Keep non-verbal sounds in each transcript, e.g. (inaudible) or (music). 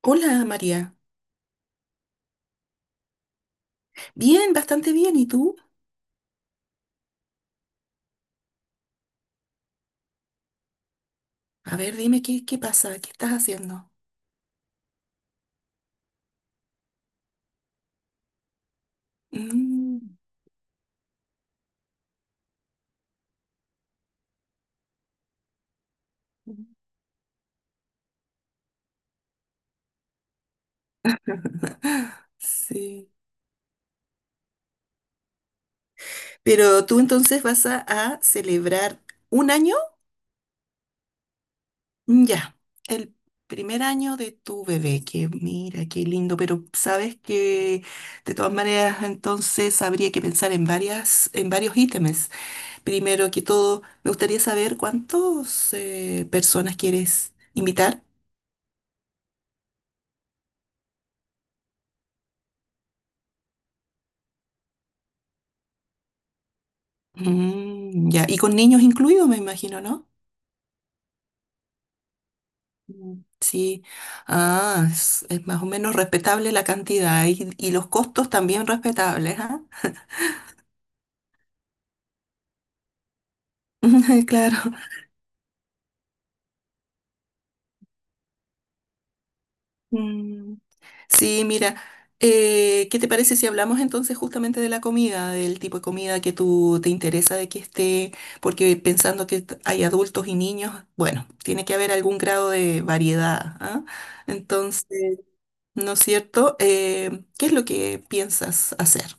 Hola María, bien, bastante bien. ¿Y tú? A ver, dime qué pasa, qué estás haciendo. Mm, sí. Pero tú entonces vas a celebrar 1 año, Mm, ya, el primer año de tu bebé, que mira, qué lindo, pero sabes que de todas maneras entonces habría que pensar en varios ítems. Primero que todo, me gustaría saber cuántas personas quieres invitar. Mm, ya, y con niños incluidos, me imagino, ¿no? Mm. Sí, es más o menos respetable la cantidad y los costos también respetables, ¿ah? (laughs) Claro. Mm, sí, mira, ¿qué te parece si hablamos entonces justamente de la comida, del tipo de comida que tú te interesa de que esté, porque pensando que hay adultos y niños, bueno, tiene que haber algún grado de variedad, ¿ah? Entonces. ¿No es cierto? ¿Qué es lo que piensas hacer?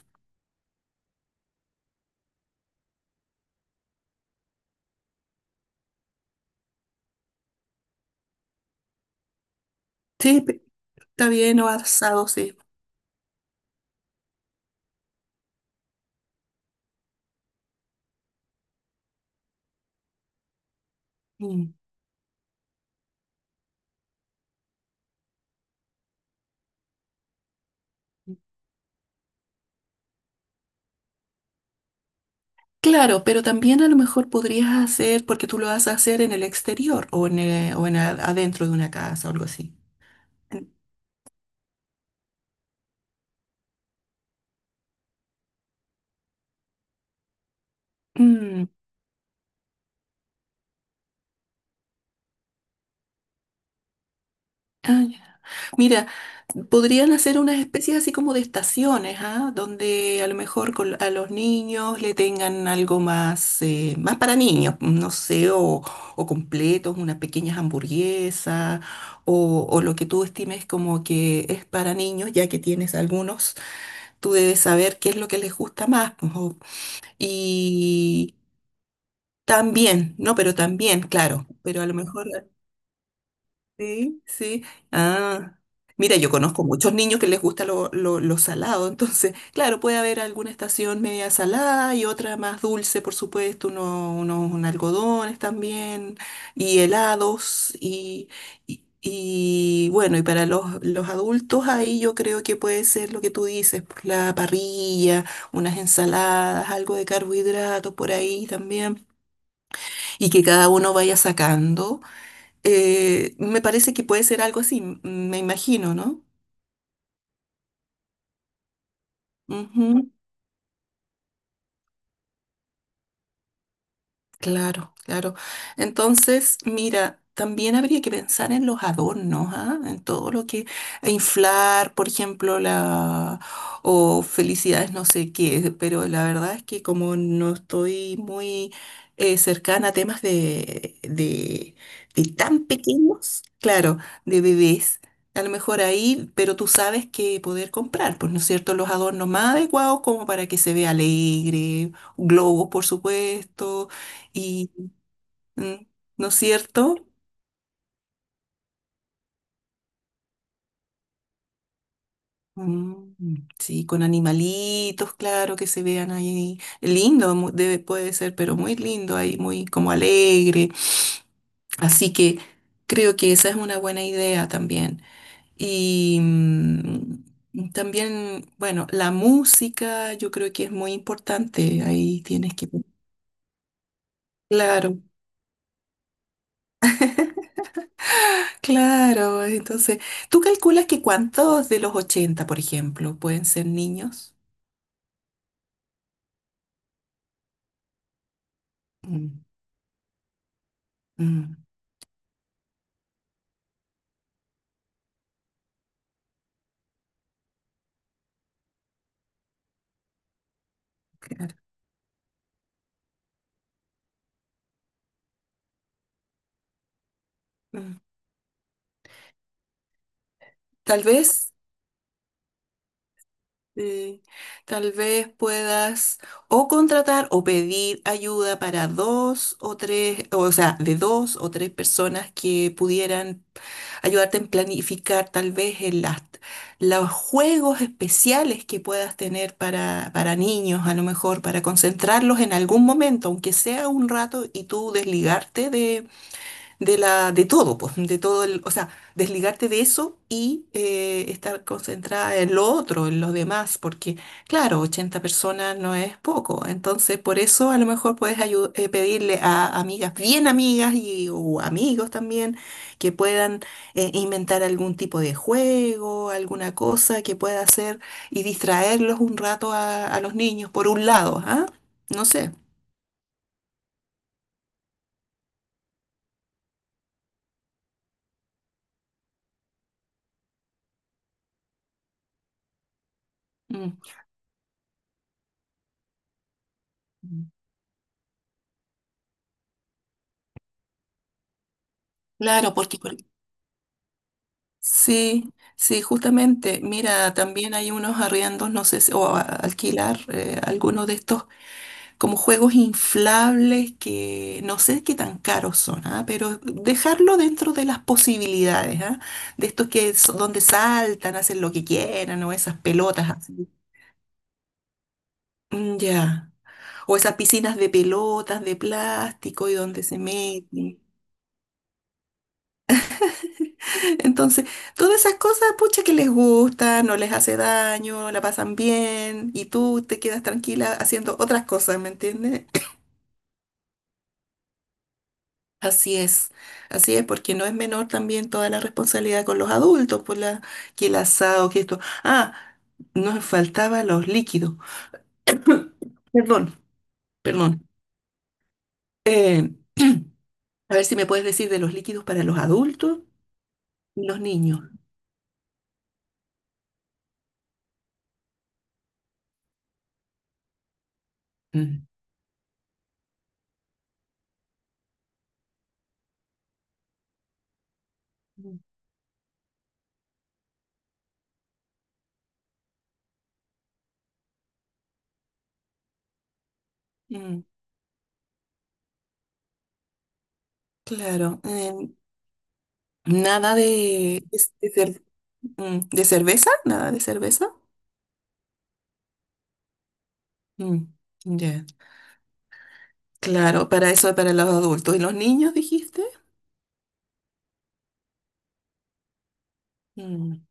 Sí, está bien o asado, sí. Mm. Claro, pero también a lo mejor podrías hacer, porque tú lo vas a hacer en el exterior o en a- adentro de una casa o algo así. Mm. Ah, ya. Mira, podrían hacer unas especies así como de estaciones, ¿ah? Donde a lo mejor a los niños le tengan algo más para niños, no sé, o completos, unas pequeñas hamburguesas, o lo que tú estimes como que es para niños, ya que tienes algunos, tú debes saber qué es lo que les gusta más, pues, y también, no, pero también, claro, pero a lo mejor. Sí, sí. Ah, mira, yo conozco muchos niños que les gusta lo salado, entonces, (laughs) claro, puede haber alguna estación media salada y otra más dulce, por supuesto, unos algodones también, y helados, bueno, y para los adultos ahí yo creo que puede ser lo que tú dices, pues, la parrilla, unas ensaladas, algo de carbohidratos por ahí también, y que cada uno vaya sacando. Me parece que puede ser algo así, me imagino, no. Ujú. Claro, claro. Entonces, mira, también habría que pensar en los adornos, ¿ah? En todo lo que e inflar, por ejemplo, la o felicidades no sé qué, pero la verdad es que como no estoy muy cercana a temas de tan pequeños, claro, de bebés. A lo mejor ahí, pero tú sabes que poder comprar, pues, ¿no es cierto? Los adornos más adecuados como para que se vea alegre, globos, por supuesto y, mm, ¿no es cierto? Mm, sí, con animalitos, claro, que se vean ahí. Lindo puede ser, pero muy lindo ahí, muy como alegre. Así que creo que esa es una buena idea también. Y también, bueno, la música yo creo que es muy importante. Ahí tienes que. Claro, claro. Entonces, ¿tú calculas que cuántos de los 80, por ejemplo, pueden ser niños? Mm, mm. Mm, Tal vez, eh, tal vez puedas o contratar o pedir ayuda para dos o tres, o sea, de dos o tres personas que pudieran ayudarte en planificar tal vez en los juegos especiales que puedas tener para niños, a lo mejor, para concentrarlos en algún momento, aunque sea un rato, y tú desligarte de todo, pues, o sea, desligarte de eso y estar concentrada en lo otro, en los demás, porque claro, 80 personas no es poco, entonces por eso a lo mejor puedes pedirle a amigas, bien amigas y o amigos también, que puedan inventar algún tipo de juego, alguna cosa que pueda hacer y distraerlos un rato a los niños, por un lado, ¿ah? No sé. Mm. Claro, porque. Sí, sí, justamente, mira, también hay unos arriendos, no sé si, alquilar algunos de estos como juegos inflables que no sé qué tan caros son, ¿ah? Pero dejarlo dentro de las posibilidades, ¿ah? De estos que son donde saltan, hacen lo que quieran, o esas pelotas así. Mm, ya. O esas piscinas de pelotas de plástico y donde se meten. Entonces, todas esas cosas, pucha, que les gusta, no les hace daño, la pasan bien y tú te quedas tranquila haciendo otras cosas, ¿me entiendes? Así es, así es, porque no es menor también toda la responsabilidad con los adultos, por la, que el asado, que esto. Ah, nos faltaban los líquidos. (coughs) Perdón, perdón. Eh, (clears throat) a ver si me puedes decir de los líquidos para los adultos y los niños. Mm. Mm, claro, nada de. ¿De cerveza? Nada de cerveza. Mm, ya. Claro, para eso es para los adultos. ¿Y los niños, dijiste? Mm,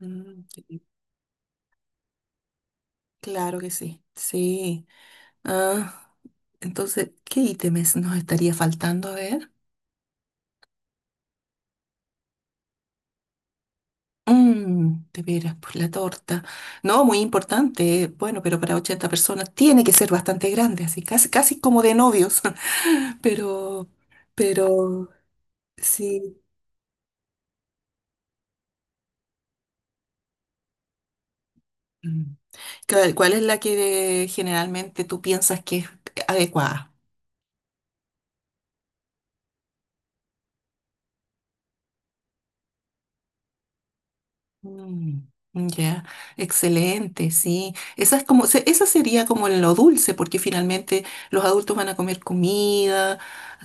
mm, sí. Claro que sí. Sí. Ah, entonces, ¿qué ítems nos estaría faltando? A ver. De veras, pues la torta. No, muy importante. Bueno, pero para 80 personas tiene que ser bastante grande, así casi, casi como de novios. (laughs) Pero, pero, sí. Mm. ¿Cuál es la que generalmente tú piensas que es adecuada? Mm, ya, excelente, sí. Esa sería como lo dulce, porque finalmente los adultos van a comer comida,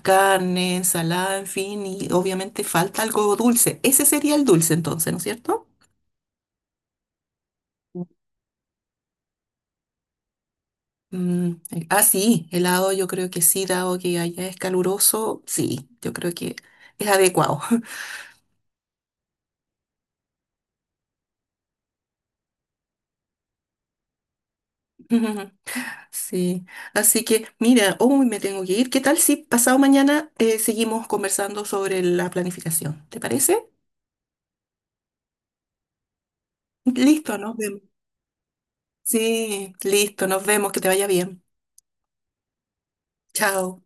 carne, ensalada, en fin, y obviamente falta algo dulce. Ese sería el dulce entonces, ¿no es cierto? Sí, helado yo creo que sí, dado que allá es caluroso, sí, yo creo que es adecuado. (laughs) Sí, así que mira, hoy me tengo que ir. ¿Qué tal si pasado mañana seguimos conversando sobre la planificación? ¿Te parece? Listo, nos vemos. Sí, listo, nos vemos, que te vaya bien. Chao.